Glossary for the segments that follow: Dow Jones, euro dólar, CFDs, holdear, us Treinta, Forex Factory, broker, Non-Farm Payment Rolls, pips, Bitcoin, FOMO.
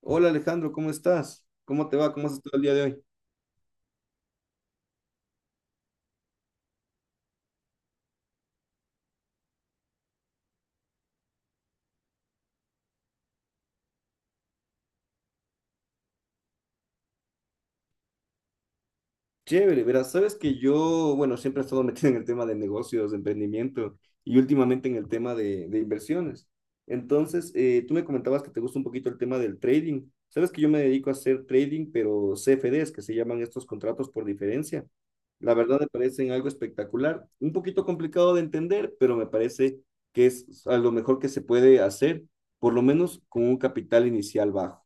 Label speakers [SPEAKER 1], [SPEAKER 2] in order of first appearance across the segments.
[SPEAKER 1] Hola Alejandro, ¿cómo estás? ¿Cómo te va? ¿Cómo has estado el día de hoy? Chévere, verás, sabes que yo, bueno, siempre he estado metido en el tema de negocios, de emprendimiento y últimamente en el tema de inversiones. Entonces, tú me comentabas que te gusta un poquito el tema del trading. Sabes que yo me dedico a hacer trading, pero CFDs, que se llaman estos contratos por diferencia. La verdad me parecen algo espectacular, un poquito complicado de entender, pero me parece que es a lo mejor que se puede hacer, por lo menos con un capital inicial bajo.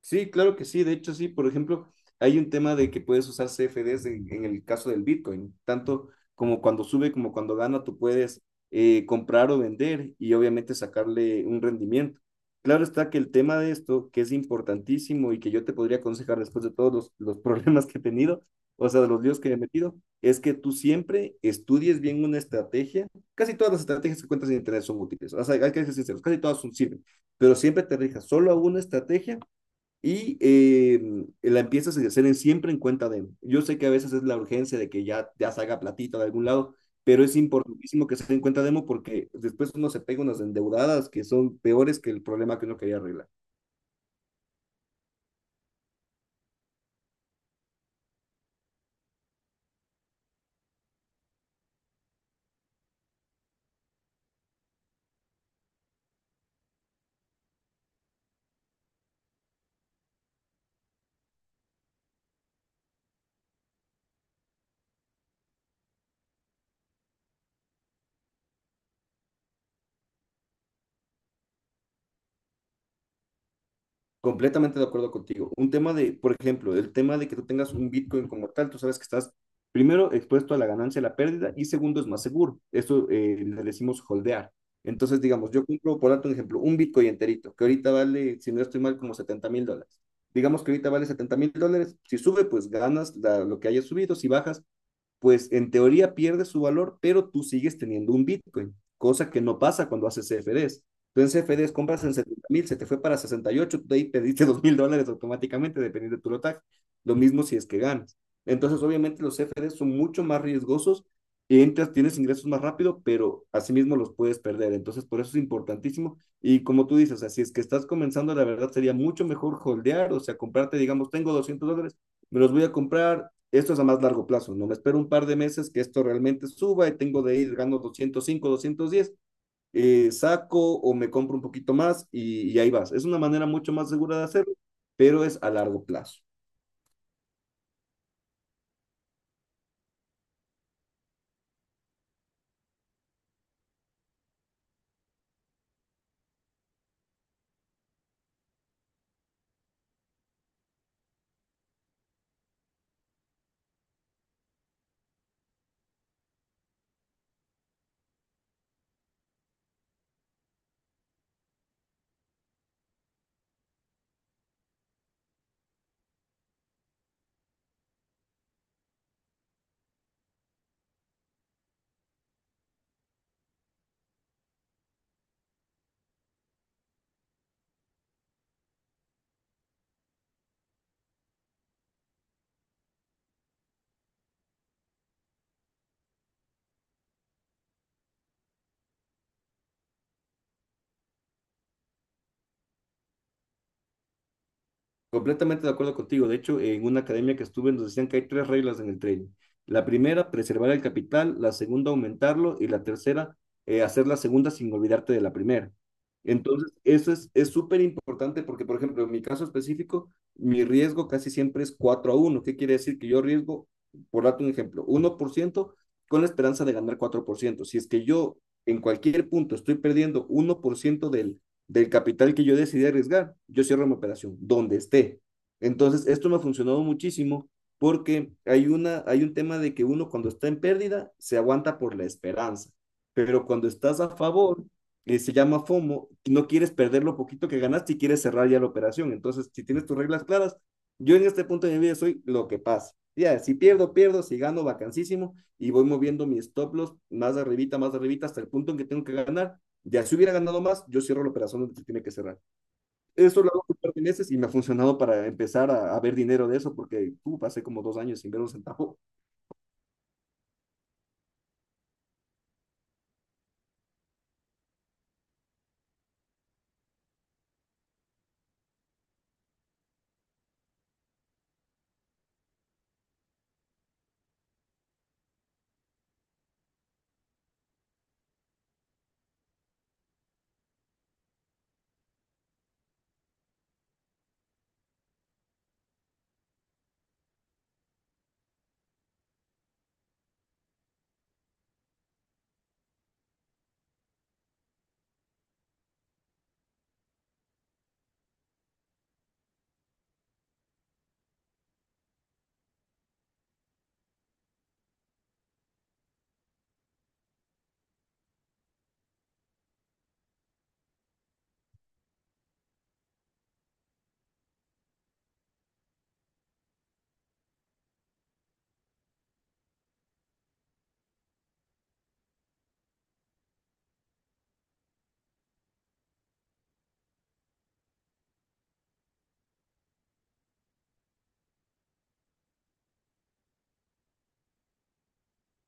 [SPEAKER 1] Sí, claro que sí. De hecho, sí. Por ejemplo, hay un tema de que puedes usar CFDs en el caso del Bitcoin. Tanto como cuando sube como cuando gana, tú puedes comprar o vender y obviamente sacarle un rendimiento. Claro está que el tema de esto, que es importantísimo y que yo te podría aconsejar después de todos los problemas que he tenido, o sea, de los líos que me he metido, es que tú siempre estudies bien una estrategia. Casi todas las estrategias que cuentas en Internet son útiles. O sea, hay que ser sinceros, casi todas son, sirven. Pero siempre te rijas solo a una estrategia y la empiezas a hacer siempre en cuenta de. Yo sé que a veces es la urgencia de que ya salga platita de algún lado, pero es importantísimo que se den cuenta demo porque después uno se pega unas endeudadas que son peores que el problema que uno quería arreglar. Completamente de acuerdo contigo. Un tema de, por ejemplo, el tema de que tú tengas un Bitcoin como tal, tú sabes que estás primero expuesto a la ganancia, y la pérdida y segundo es más seguro. Esto le decimos holdear. Entonces, digamos, yo compro, por darte un ejemplo, un Bitcoin enterito, que ahorita vale, si no estoy mal, como $70.000. Digamos que ahorita vale $70.000. Si sube, pues ganas lo que haya subido. Si bajas, pues en teoría pierde su valor, pero tú sigues teniendo un Bitcoin, cosa que no pasa cuando haces CFDs. Tú en CFDs compras en 70.000, se te fue para 68, tú de ahí pediste $2.000 automáticamente, dependiendo de tu lotaje. Lo mismo si es que ganas. Entonces, obviamente, los CFDs son mucho más riesgosos y entras, tienes ingresos más rápido, pero asimismo los puedes perder. Entonces, por eso es importantísimo. Y como tú dices, o sea, si es que estás comenzando, la verdad sería mucho mejor holdear, o sea, comprarte, digamos, tengo $200, me los voy a comprar. Esto es a más largo plazo, no me espero un par de meses que esto realmente suba y tengo de ir ganando 205, 210, saco o me compro un poquito más y ahí vas. Es una manera mucho más segura de hacerlo, pero es a largo plazo. Completamente de acuerdo contigo. De hecho, en una academia que estuve nos decían que hay 3 reglas en el trading. La primera, preservar el capital; la segunda, aumentarlo; y la tercera, hacer la segunda sin olvidarte de la primera. Entonces, eso es súper importante porque, por ejemplo, en mi caso específico, mi riesgo casi siempre es 4 a 1. ¿Qué quiere decir? Que yo riesgo, por darte un ejemplo, 1% con la esperanza de ganar 4%. Si es que yo en cualquier punto estoy perdiendo 1% del capital que yo decidí arriesgar, yo cierro mi operación, donde esté. Entonces, esto me ha funcionado muchísimo porque hay un tema de que uno cuando está en pérdida se aguanta por la esperanza, pero cuando estás a favor, se llama FOMO, no quieres perder lo poquito que ganaste y quieres cerrar ya la operación. Entonces, si tienes tus reglas claras, yo en este punto de mi vida soy lo que pasa. Ya, si pierdo, pierdo; si gano, vacancísimo, y voy moviendo mis stop loss más arribita, hasta el punto en que tengo que ganar, ya si hubiera ganado más, yo cierro la operación donde se tiene que cerrar. Eso lo hago por meses y me ha funcionado para empezar a ver dinero de eso, porque pasé como 2 años sin ver un centavo.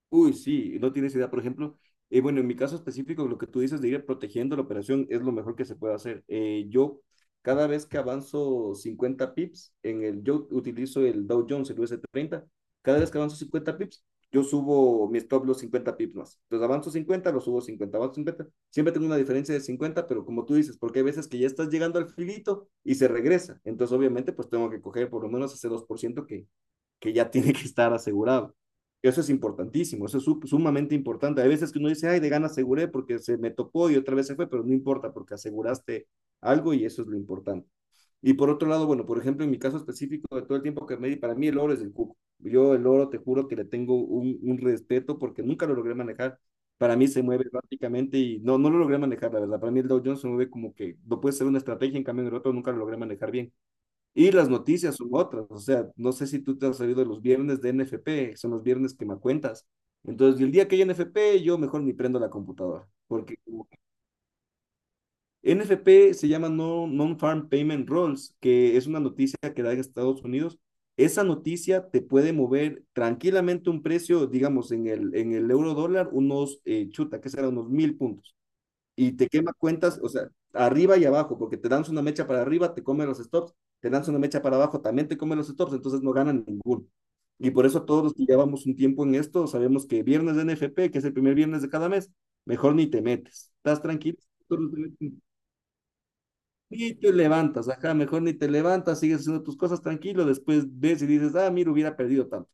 [SPEAKER 1] Uy, sí, no tienes idea. Por ejemplo, bueno, en mi caso específico, lo que tú dices de ir protegiendo la operación es lo mejor que se puede hacer. Cada vez que avanzo 50 pips, en el, yo utilizo el Dow Jones, el US30. Cada vez que avanzo 50 pips, yo subo mi stop los 50 pips más. Entonces avanzo 50, lo subo 50. Avanzo 50, siempre tengo una diferencia de 50. Pero como tú dices, porque hay veces que ya estás llegando al filito y se regresa. Entonces, obviamente, pues tengo que coger por lo menos ese 2% que ya tiene que estar asegurado. Eso es importantísimo, eso es sumamente importante. Hay veces que uno dice, ay, de gana aseguré porque se me topó y otra vez se fue, pero no importa porque aseguraste algo y eso es lo importante. Y por otro lado, bueno, por ejemplo, en mi caso específico, de todo el tiempo que me di, para mí el oro es el cuco. Yo el oro, te juro que le tengo un respeto porque nunca lo logré manejar. Para mí se mueve prácticamente y no lo logré manejar, la verdad. Para mí el Dow Jones se mueve como que no puede ser una estrategia, en cambio en el otro nunca lo logré manejar bien. Y las noticias son otras, o sea, no sé si tú te has sabido de los viernes de NFP, son los viernes que me cuentas. Entonces, el día que hay NFP, yo mejor ni prendo la computadora, porque como que NFP se llama no, Non-Farm Payment Rolls, que es una noticia que da en Estados Unidos. Esa noticia te puede mover tranquilamente un precio, digamos, en el euro dólar, unos, chuta, que será unos 1.000 puntos y te quema cuentas, o sea, arriba y abajo, porque te dan una mecha para arriba, te come los stops, te dan una mecha para abajo, también te come los stops, entonces no ganan ninguno. Y por eso todos los que llevamos un tiempo en esto, sabemos que viernes de NFP, que es el primer viernes de cada mes, mejor ni te metes. Estás tranquilo, ni te levantas, ajá, mejor ni te levantas, sigues haciendo tus cosas tranquilo, después ves y dices, ah, mira, hubiera perdido tanto.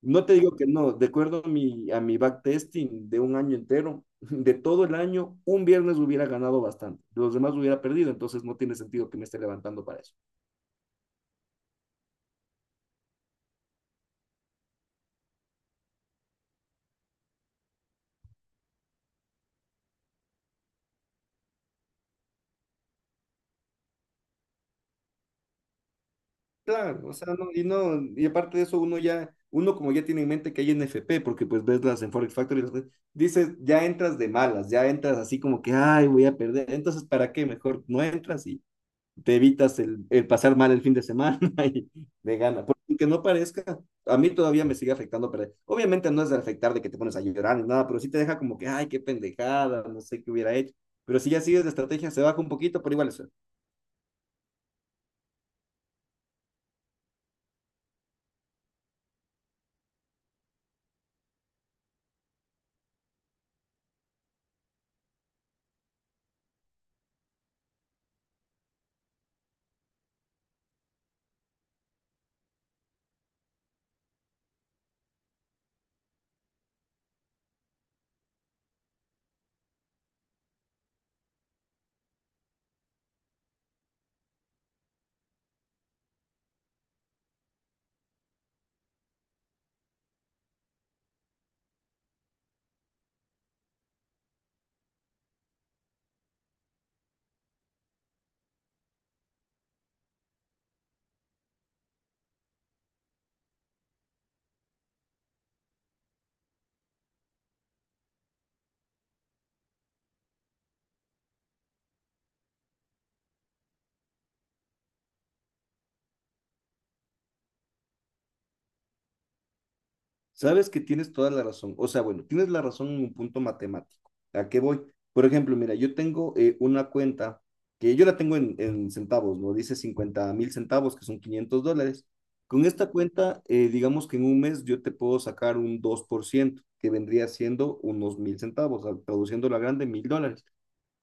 [SPEAKER 1] No te digo que no, de acuerdo a mi backtesting de 1 año entero, de todo el año, un viernes hubiera ganado bastante, los demás hubiera perdido, entonces no tiene sentido que me esté levantando para eso. Claro, o sea, no, y no, y aparte de eso, uno ya, uno como ya tiene en mente que hay NFP, porque pues ves las en Forex Factory, dices, ya entras de malas, ya entras así como que, ay, voy a perder, entonces, ¿para qué? Mejor no entras y te evitas el pasar mal el fin de semana y de gana. Porque no parezca, a mí todavía me sigue afectando, pero obviamente no es de afectar de que te pones a llorar ni nada, pero sí te deja como que, ay, qué pendejada, no sé qué hubiera hecho. Pero si ya sigues la estrategia, se baja un poquito, pero igual es. Sabes que tienes toda la razón. O sea, bueno, tienes la razón en un punto matemático. ¿A qué voy? Por ejemplo, mira, yo tengo una cuenta que yo la tengo en centavos, ¿no? Dice 50.000 centavos, que son $500. Con esta cuenta, digamos que en un mes yo te puedo sacar un 2%, que vendría siendo unos 1.000 centavos, traduciéndolo a grande, $1.000.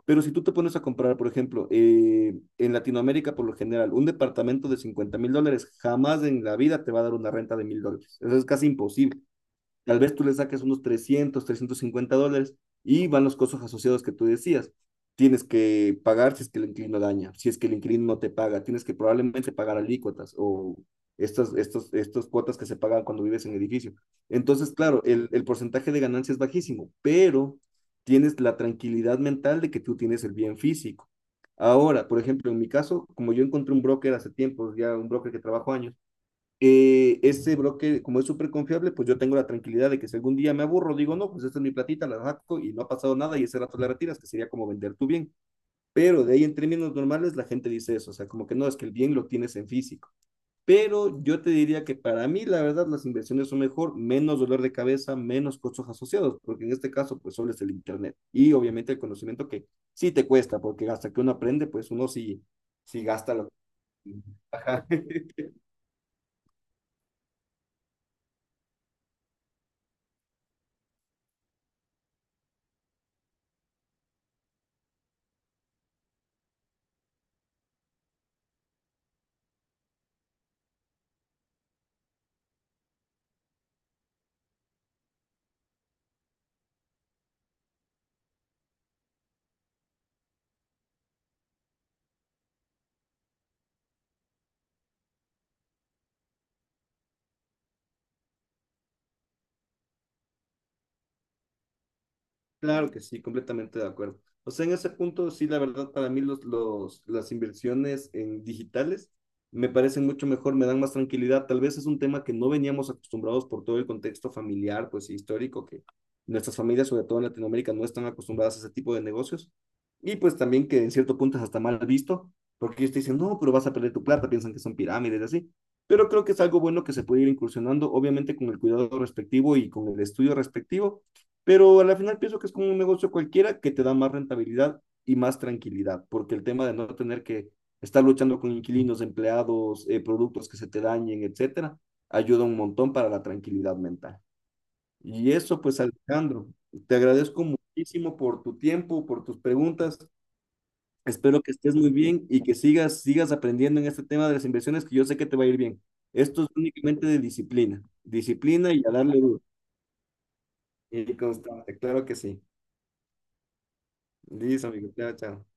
[SPEAKER 1] Pero si tú te pones a comprar, por ejemplo, en Latinoamérica, por lo general, un departamento de $50.000 jamás en la vida te va a dar una renta de $1.000. Eso es casi imposible. Tal vez tú le saques unos $300-350 y van los costos asociados que tú decías. Tienes que pagar si es que el inquilino daña, si es que el inquilino no te paga, tienes que probablemente pagar alícuotas o estos cuotas que se pagan cuando vives en el edificio. Entonces, claro, el porcentaje de ganancia es bajísimo, pero tienes la tranquilidad mental de que tú tienes el bien físico. Ahora, por ejemplo, en mi caso, como yo encontré un broker hace tiempo, ya un broker que trabajo años, este broker, como es súper confiable, pues yo tengo la tranquilidad de que si algún día me aburro, digo, no, pues esta es mi platita, la saco y no ha pasado nada y ese rato la retiras, que sería como vender tu bien. Pero de ahí en términos normales la gente dice eso, o sea, como que no, es que el bien lo tienes en físico. Pero yo te diría que para mí, la verdad, las inversiones son mejor, menos dolor de cabeza, menos costos asociados, porque en este caso, pues solo es el Internet. Y obviamente el conocimiento que sí te cuesta, porque hasta que uno aprende, pues uno sí, sí gasta lo que. Ajá. Claro que sí, completamente de acuerdo. O sea, en ese punto, sí, la verdad, para mí las inversiones en digitales me parecen mucho mejor, me dan más tranquilidad. Tal vez es un tema que no veníamos acostumbrados por todo el contexto familiar, pues histórico, que nuestras familias, sobre todo en Latinoamérica, no están acostumbradas a ese tipo de negocios. Y pues también que en cierto punto es hasta mal visto, porque ellos te dicen, no, pero vas a perder tu plata, piensan que son pirámides, y así. Pero creo que es algo bueno que se puede ir incursionando, obviamente con el cuidado respectivo y con el estudio respectivo, pero al final pienso que es como un negocio cualquiera que te da más rentabilidad y más tranquilidad, porque el tema de no tener que estar luchando con inquilinos, empleados, productos que se te dañen, etcétera, ayuda un montón para la tranquilidad mental. Y eso, pues, Alejandro, te agradezco muchísimo por tu tiempo, por tus preguntas. Espero que estés muy bien y que sigas aprendiendo en este tema de las inversiones, que yo sé que te va a ir bien. Esto es únicamente de disciplina, disciplina y a darle duro y constante, claro que sí. Listo, amigo. Chao, chao.